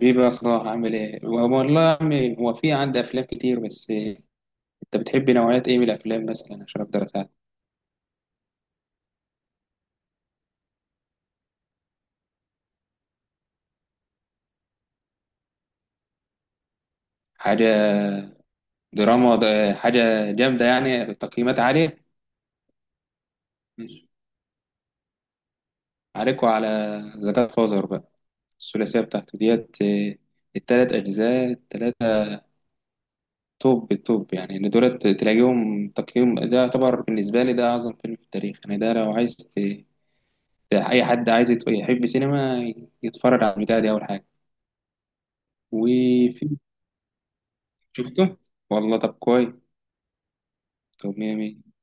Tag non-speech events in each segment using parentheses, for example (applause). بيبقى صلاح عامل ايه والله يا عمي، هو في عندي افلام كتير، بس انت بتحب نوعيات ايه من الافلام مثلا عشان اقدر اساعدك؟ حاجه. دراما ده حاجه جامده يعني، تقييمات عاليه. عليكوا على ذا جاد فازر بقى، الثلاثيه بتاعته ديت إيه، التلات اجزاء التلاته، توب التوب يعني. اللي دولت تلاقيهم تقييم، ده يعتبر بالنسبه لي ده اعظم فيلم في التاريخ يعني. ده لو عايز اي حد عايز يحب سينما يتفرج على البتاع دي اول حاجه. وفي شفته. والله طب كويس. طب مية مية.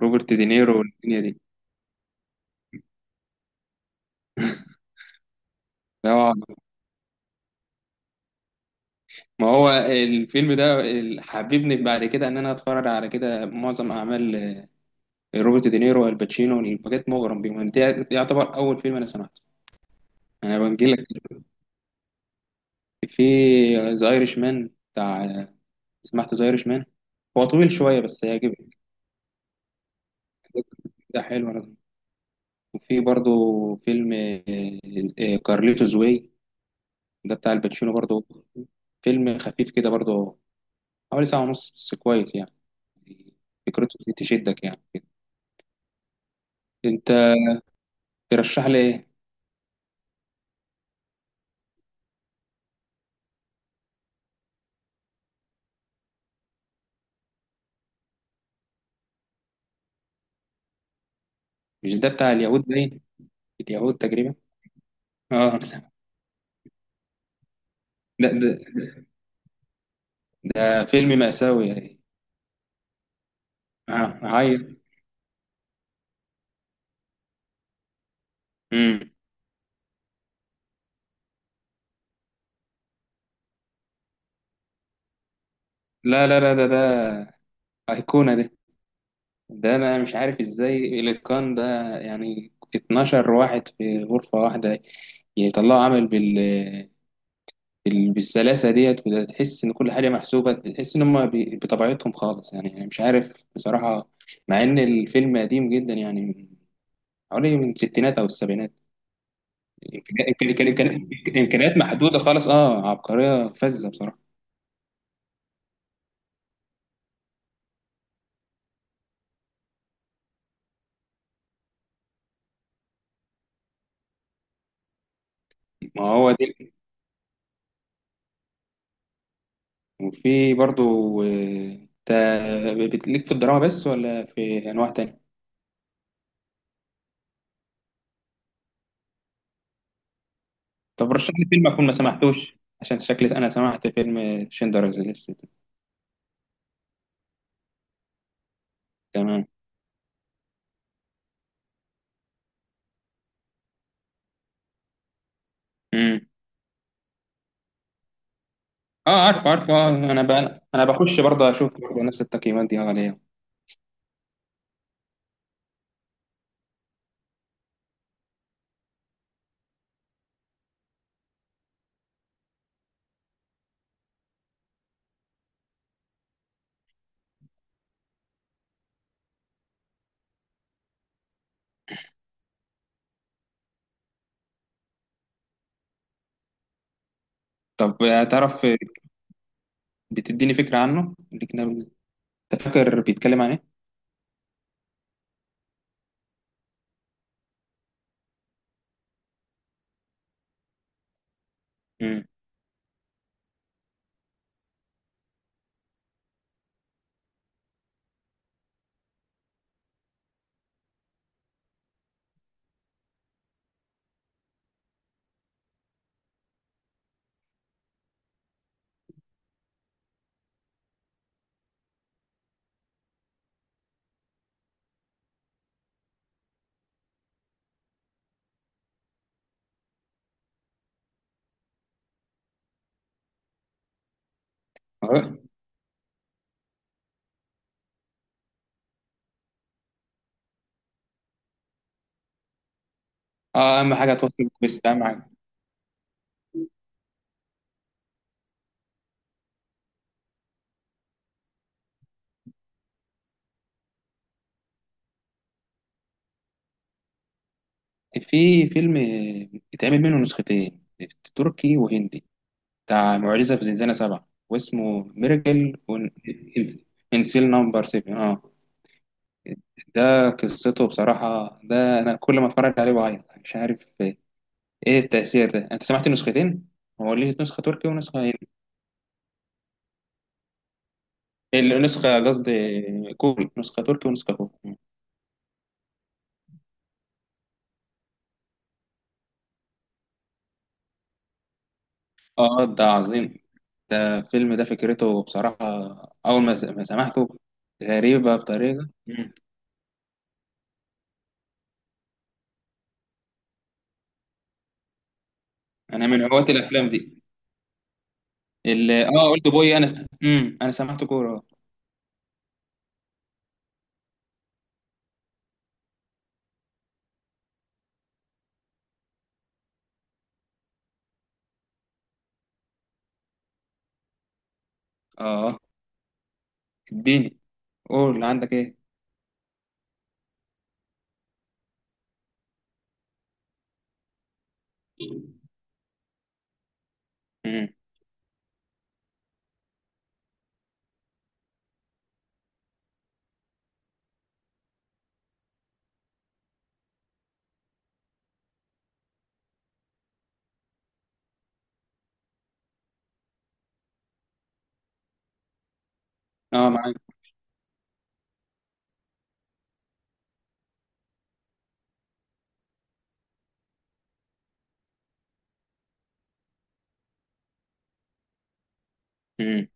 روبرت دينيرو والدنيا دي. (laughs) اه، ما هو الفيلم ده حببني بعد كده ان انا اتفرج على كده معظم اعمال روبرت دينيرو والباتشينو، بجد مغرم بيهم. ده يعتبر اول فيلم انا سمعته. انا بنجي لك. في ذا ايرش مان بتاع، سمعت ذا ايرش مان؟ هو طويل شويه بس هيعجبك. ده حلو. انا وفي برضو فيلم كارليتوز واي، ده بتاع الباتشينو برضو، فيلم خفيف كده برضو، حوالي ساعة ونص بس كويس يعني. فكرته دي تشدك يعني كده. انت ترشح لي ايه؟ مش ده بتاع اليهود باين، اليهود تقريبا. اه، ده ده, ده فيلم مأساوي يعني. اه هاي. امم لا لا لا، ده ده أيقونة ده. ده انا مش عارف ازاي الاتقان ده. يعني 12 واحد في غرفة واحدة يطلعوا عمل بالسلاسة ديت، وتحس إن كل حاجة محسوبة، تحس إن هما بطبيعتهم خالص يعني. أنا مش عارف بصراحة، مع إن الفيلم قديم جدا يعني حوالي من الستينات أو السبعينات. إمكانيات محدودة خالص، أه عبقرية فذة بصراحة. ما هو دي. وفي برضو، بتليك في الدراما بس ولا في أنواع تانية؟ طب رشح لي فيلم أكون ما سمحتوش عشان شكلي، أنا سمعت فيلم شندلرز ليست. تمام. اه عارف عارف. اه انا انا بخش برضه اشوف برضه نفس التقييمات دي عليه. طب تعرف، بتديني فكره عنه الاجنبي ده؟ انت فاكر بيتكلم عن ايه؟ امم اه. اهم حاجه توصل، بس اهم حاجه. في فيلم اتعمل منه نسختين، تركي وهندي، بتاع معجزه في زنزانه سبعه واسمه ميراكل، انسيل نمبر 7. اه، ده قصته بصراحه، ده انا كل ما اتفرج عليه بعيط مش عارف ايه التأثير ده. انت سمعت نسختين؟ هو ليه نسخة تركي ونسخة هندي نسخة قصدي كوري، نسخة تركي ونسخة كوري. اه ده عظيم. ده الفيلم ده فكرته بصراحة، اول ما سمعته، غريبة بطريقة. مم. انا من هواة الافلام دي، اه اولد بوي. انا انا سمعت كورة. اه اديني، قول عندك ايه. امم اه معاك. امم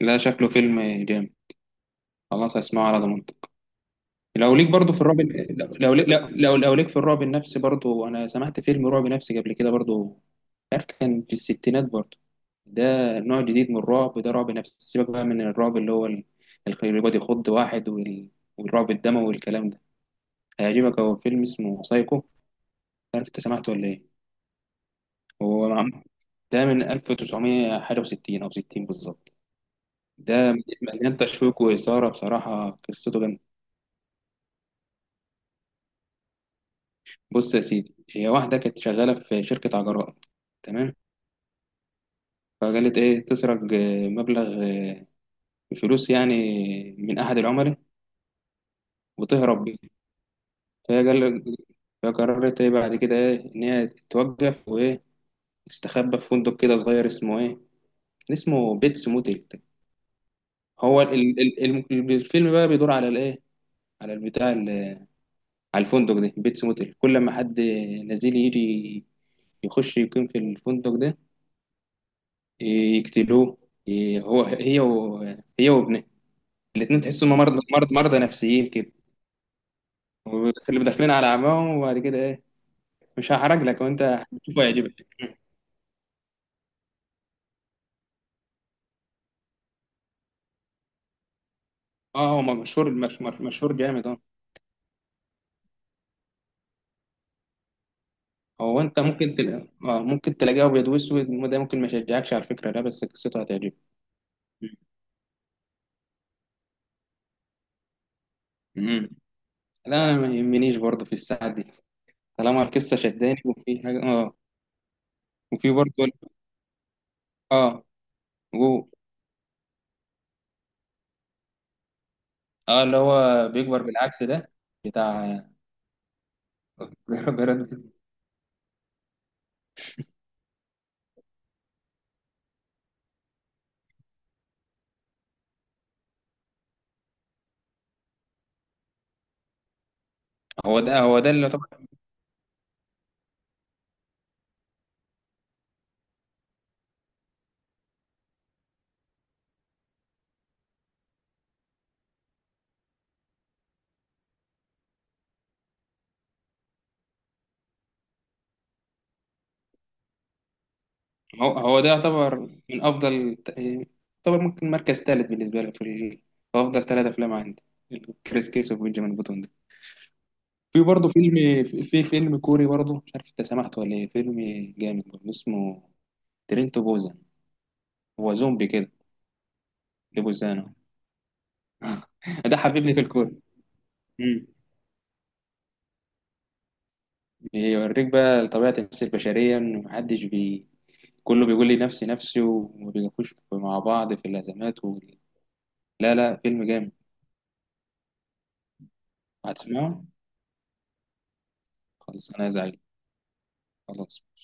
لا شكله فيلم جامد، خلاص هسمعه على ضمانتك. لو ليك برضو في الرعب، لو لو ليك في الرعب النفسي برضو، انا سمعت فيلم رعب نفسي قبل كده برضو، عارف، كان في الستينات برضو. ده نوع جديد من الرعب، ده رعب نفسي، سيبك بقى من الرعب اللي هو اللي بيقعد يخض واحد، والرعب الدموي والكلام ده. هيعجبك، هو فيلم اسمه سايكو، عارف انت سمعته ولا ايه؟ هو ده من 1900 حاجة وستين او 60 بالظبط. ده مليان تشويق وإثارة بصراحة، قصته، بص يا سيدي، هي واحدة كانت شغالة في شركة عجلات. تمام. فقالت إيه تسرق مبلغ، فلوس يعني، من أحد العملاء، وتهرب بيه. فهي قال، فقررت إيه بعد كده، إيه إن هي توقف، وإيه تستخبى في فندق كده صغير اسمه إيه، اسمه بيتس موتيل. هو الفيلم بقى بيدور على الإيه، على البتاع على الفندق ده بيتس موتيل. كل ما حد نزيل يجي يخش يقيم في الفندق ده يقتلوه، هو هي هي وابنه الاتنين، تحسوا هم مرضى نفسيين كده، واللي داخلين على عماهم. وبعد كده ايه مش هحرج لك، وانت هتشوفه يعجبك. اه هو مشهور، مشهور جامد اه. هو انت ممكن تلاقي، اه ممكن تلاقيه ابيض واسود، وده ممكن ما يشجعكش على الفكره ده، بس قصته هتعجبك. مم. لا انا ما يهمنيش برضه في الساعه دي، طالما القصه شداني وفي حاجه اه. وفي برضه اه جو. اه اللي هو بيكبر بالعكس ده، بتاع. (laughs) براد. هو ده اللي يعتبر، هو ده يعتبر من افضل، يعتبر ممكن مركز ثالث بالنسبه لي في، في افضل ثلاث افلام عندي، كريس كيس وبنجامين بوتون ده. في برضه فيلم، في فيلم كوري برضه، مش عارف انت سمعته ولا ايه، فيلم جامد برضه اسمه ترين تو بوزان. هو زومبي كده، دي بوزانه. (laughs) ده حببني في الكوري. مم. بيوريك بقى طبيعه النفس البشريه، انه محدش كله بيقول لي نفسي نفسي، وما بيقفوش مع بعض في الازمات لا لا فيلم جامد. هتسمعه. خلاص انا زعيم. خلاص.